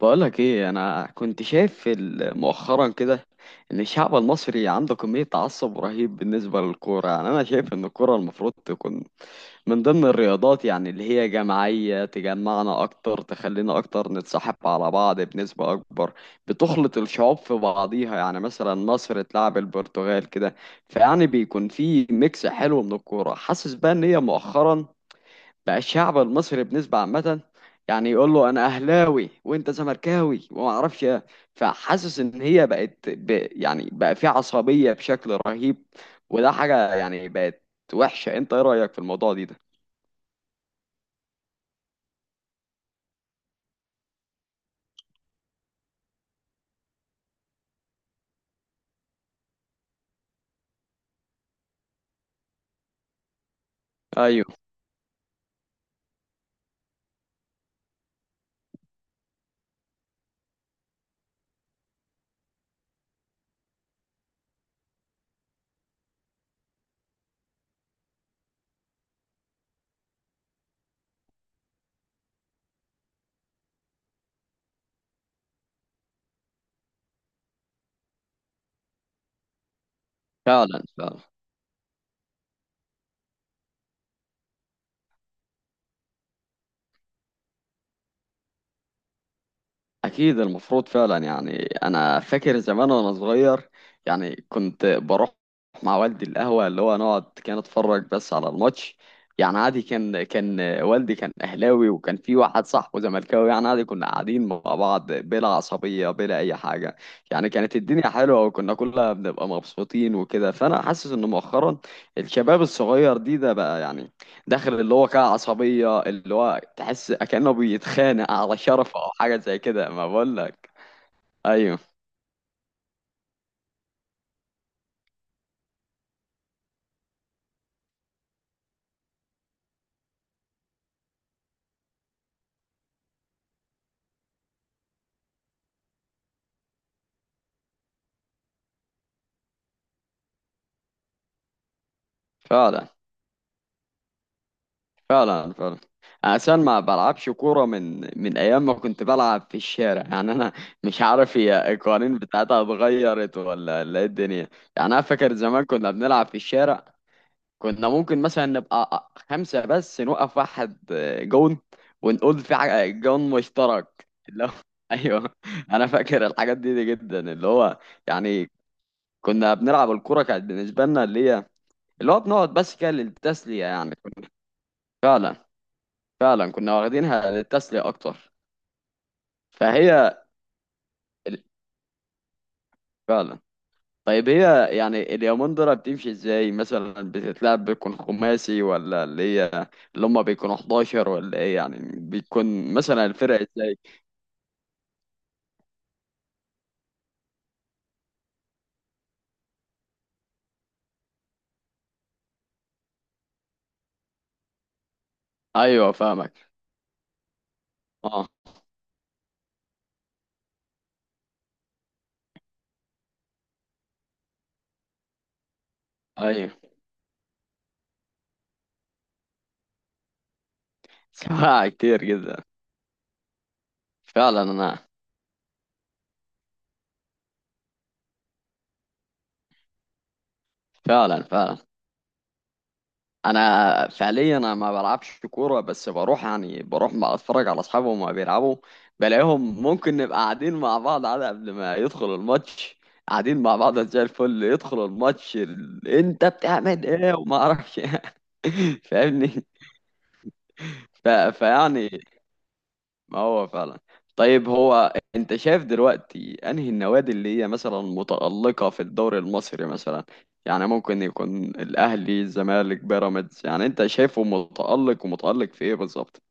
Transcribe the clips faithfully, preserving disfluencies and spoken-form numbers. بقولك ايه، انا كنت شايف ال- مؤخرا كده ان الشعب المصري عنده كمية تعصب رهيب بالنسبة للكورة. يعني انا شايف ان الكورة المفروض تكون من ضمن الرياضات، يعني اللي هي جماعية، تجمعنا اكتر، تخلينا اكتر نتصاحب على بعض بنسبة اكبر، بتخلط الشعوب في بعضيها. يعني مثلا مصر تلعب البرتغال كده فيعني بيكون في ميكس حلو من الكورة. حاسس بقى ان هي مؤخرا بقى الشعب المصري بنسبة عامة يعني يقول له انا اهلاوي وانت زملكاوي وما اعرفش ايه. فحاسس ان هي بقت ب... يعني بقى في عصبية بشكل رهيب. وده حاجة يعني بقت وحشة. انت ايه رأيك في الموضوع دي ده؟ ايوه، فعلا فعلا. أكيد المفروض فعلا. يعني أنا فاكر زمان وأنا صغير، يعني كنت بروح مع والدي القهوة، اللي هو نقعد كان أتفرج بس على الماتش. يعني عادي كان كان والدي كان أهلاوي، وكان في واحد صاحبه زملكاوي، يعني عادي كنا قاعدين مع بعض بلا عصبية بلا أي حاجة. يعني كانت الدنيا حلوة وكنا كلنا بنبقى مبسوطين وكده. فأنا حاسس إن مؤخرا الشباب الصغير دي ده بقى يعني داخل اللي هو كده عصبية، اللي هو تحس كأنه بيتخانق على شرفه أو حاجة زي كده، ما بقولك. أيوه فعلا فعلا. فعلا، أنا أساسا ما بلعبش كورة من من أيام ما كنت بلعب في الشارع. يعني أنا مش عارف هي القوانين بتاعتها اتغيرت ولا ولا إيه الدنيا. يعني أنا فاكر زمان كنا بنلعب في الشارع. كنا ممكن مثلا نبقى خمسة بس، نوقف واحد جون ونقول في ع- جون مشترك اللي هو. ايوه، انا فاكر الحاجات دي, دي جدا، اللي هو يعني كنا بنلعب الكرة، كانت بالنسبة لنا اللي هي اللي هو بنقعد بس كده للتسلية. يعني كنا، فعلا فعلا، كنا واخدينها للتسلية اكتر. فهي ال- فعلا. طيب هي يعني اليومندرة بتمشي ازاي؟ مثلا بتتلعب بيكون خماسي، ولا اللي هي اللي هما بيكونوا حداشر ولا ايه؟ يعني بيكون مثلا الفرق ازاي؟ ايوه فاهمك. اه، ايوه. سمعها كتير جدا. فعلا انا، فعلا فعلا. انا فعليا انا ما بلعبش كوره، بس بروح يعني بروح ما اتفرج على اصحابي وما بيلعبوا. بلاقيهم ممكن نبقى قاعدين مع بعض على قبل ما يدخل الماتش، قاعدين مع بعض زي الفل. يدخل الماتش ال... انت بتعمل ايه وما اعرفش إيه. فاهمني. ف... فيعني ما هو فعلا. طيب هو انت شايف دلوقتي انهي النوادي اللي هي مثلا متألقة في الدوري المصري مثلا؟ يعني ممكن يكون الاهلي، الزمالك، بيراميدز. يعني انت شايفه متألق، ومتألق في ايه بالظبط؟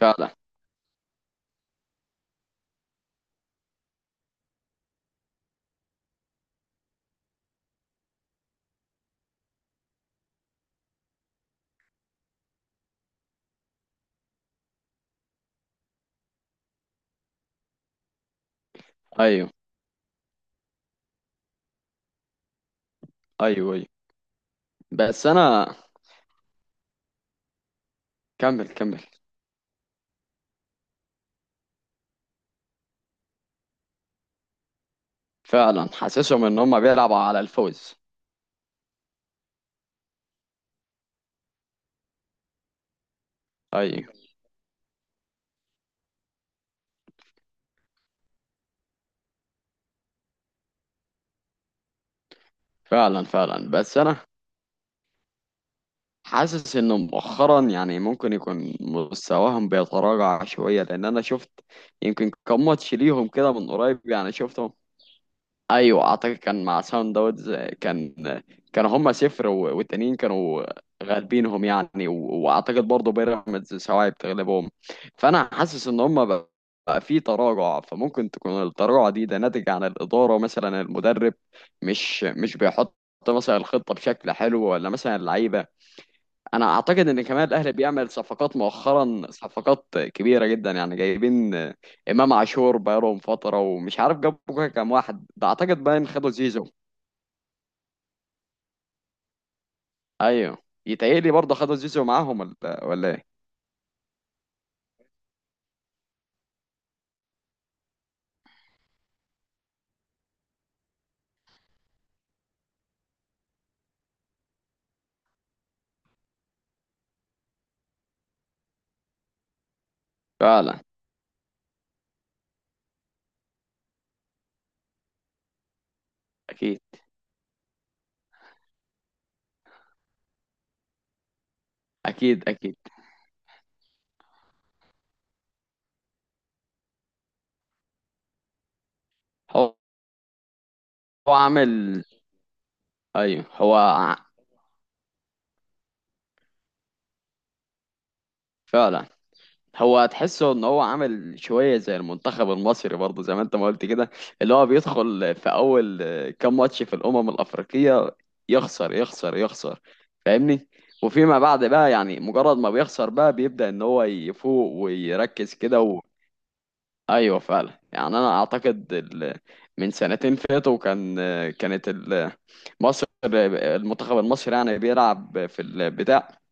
فعلا. ايوه ايوه. ايوه بس انا، كمل كمل. فعلا حاسسهم ان هم بيلعبوا على الفوز. ايوه فعلا فعلا. بس انا حاسس انه مؤخرا يعني ممكن يكون مستواهم بيتراجع شوية، لان انا شفت يمكن كم ماتش ليهم كده من قريب يعني شفتهم. ايوه اعتقد كان مع ساوند داونز. كان، كانوا هما صفر و- والتانيين كانوا غالبينهم. يعني و- واعتقد برضه بيراميدز سواعي بتغلبهم. فانا حاسس ان هما بقى، بقى في تراجع. فممكن تكون التراجع دي ده ناتج عن الادارة، مثلا المدرب مش مش بيحط مثلا الخطة بشكل حلو، ولا مثلا اللعيبة. انا اعتقد ان كمان الاهلي بيعمل صفقات مؤخرا، صفقات كبيره جدا. يعني جايبين امام عاشور بقالهم فتره، ومش عارف جابوا كام واحد ده، اعتقد باين خدوا زيزو. ايوه، يتهيألي برضه خدوا زيزو معاهم ولا ولا ايه. فعلا. اكيد اكيد. اكيد، هو هو عامل. ايوه هو ع- فعلا. هو تحسه ان هو عامل شويه زي المنتخب المصري برضه، زي ما انت ما قلت كده، اللي هو بيدخل في اول آه، كام ماتش في الامم الافريقيه، يخسر يخسر يخسر. فاهمني. وفيما بعد بقى يعني مجرد ما بيخسر بقى بيبدا ان هو يفوق ويركز كده و... ايوه فعلا. يعني انا اعتقد ال... من سنتين فاتوا كان، آه، كانت ال... مصر، المنتخب المصري يعني بيلعب في البتاع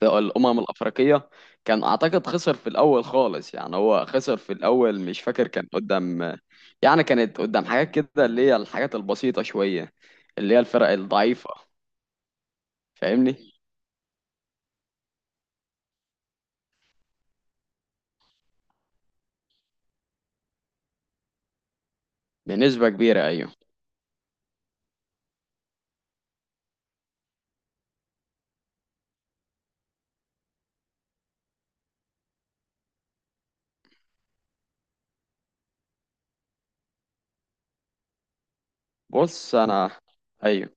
في الأمم الأفريقية، كان أعتقد خسر في الأول خالص. يعني هو خسر في الأول، مش فاكر كان قدام. يعني كانت قدام حاجات كده اللي هي الحاجات البسيطة شوية، اللي هي الفرق الضعيفة. فاهمني. بنسبة كبيرة أيوه. بص أنا، أيوه،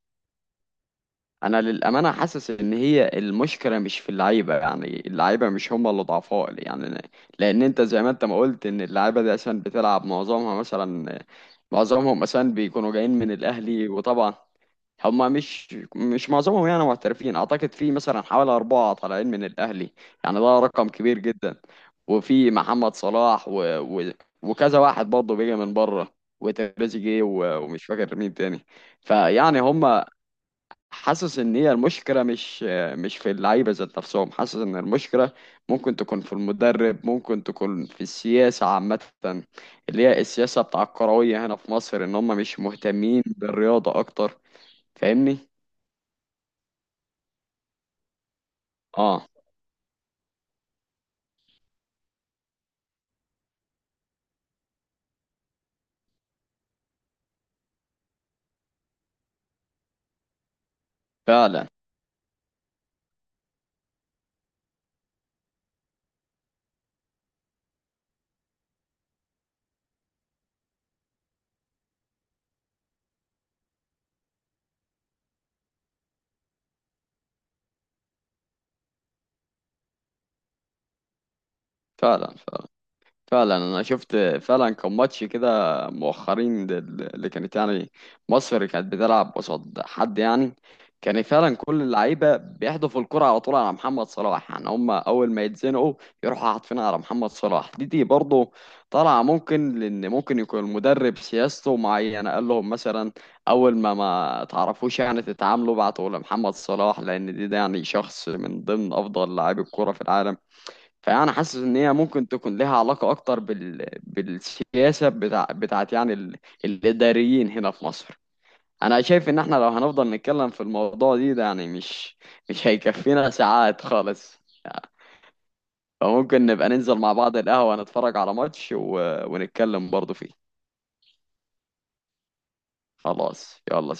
أنا للأمانة حاسس إن هي المشكلة مش في اللعيبة. يعني اللعيبة مش هم اللي ضعفاء. يعني لأن أنت زي ما أنت ما قلت إن اللعيبة دي عشان بتلعب معظمها مثلا، معظمهم مثلا بيكونوا جايين من الأهلي، وطبعا هما مش مش معظمهم يعني محترفين، اعتقد في مثلا حوالي اربعه طالعين من الاهلي. يعني ده رقم كبير جدا. وفي محمد صلاح و... و... وكذا واحد برضه بيجي من بره، وتريزيجيه و... ومش فاكر مين تاني. فيعني هما، حاسس ان هي المشكله مش مش في اللعيبه ذات نفسهم. حاسس ان المشكله ممكن تكون في المدرب، ممكن تكون في السياسه عامه، اللي هي السياسه بتاع الكرويه هنا في مصر، ان هما مش مهتمين بالرياضه اكتر. فاهمني. اه فعلا. فعلا فعلا. فعلا انا شفت فعلا كان ماتش كده مؤخرين لل- اللي كانت يعني مصر كانت بتلعب قصاد حد يعني. كان فعلا كل اللعيبه بيحدفوا الكره على طول على محمد صلاح. يعني هم اول ما يتزنقوا يروحوا حاطفينها على محمد صلاح. دي دي برضه طالعه ممكن، لان ممكن يكون المدرب سياسته معينه، قال لهم مثلا اول ما ما تعرفوش يعني تتعاملوا بعتوا لمحمد صلاح، لان دي ده يعني شخص من ضمن افضل لاعبي الكره في العالم. فانا حاسس ان هي ممكن تكون لها علاقه اكتر بال... بالسياسه بتاع... بتاعت يعني ال... الاداريين هنا في مصر. انا شايف ان احنا لو هنفضل نتكلم في الموضوع دي ده يعني مش مش هيكفينا ساعات خالص. فممكن نبقى ننزل مع بعض القهوه نتفرج على ماتش و... ونتكلم برضه فيه. خلاص يلا.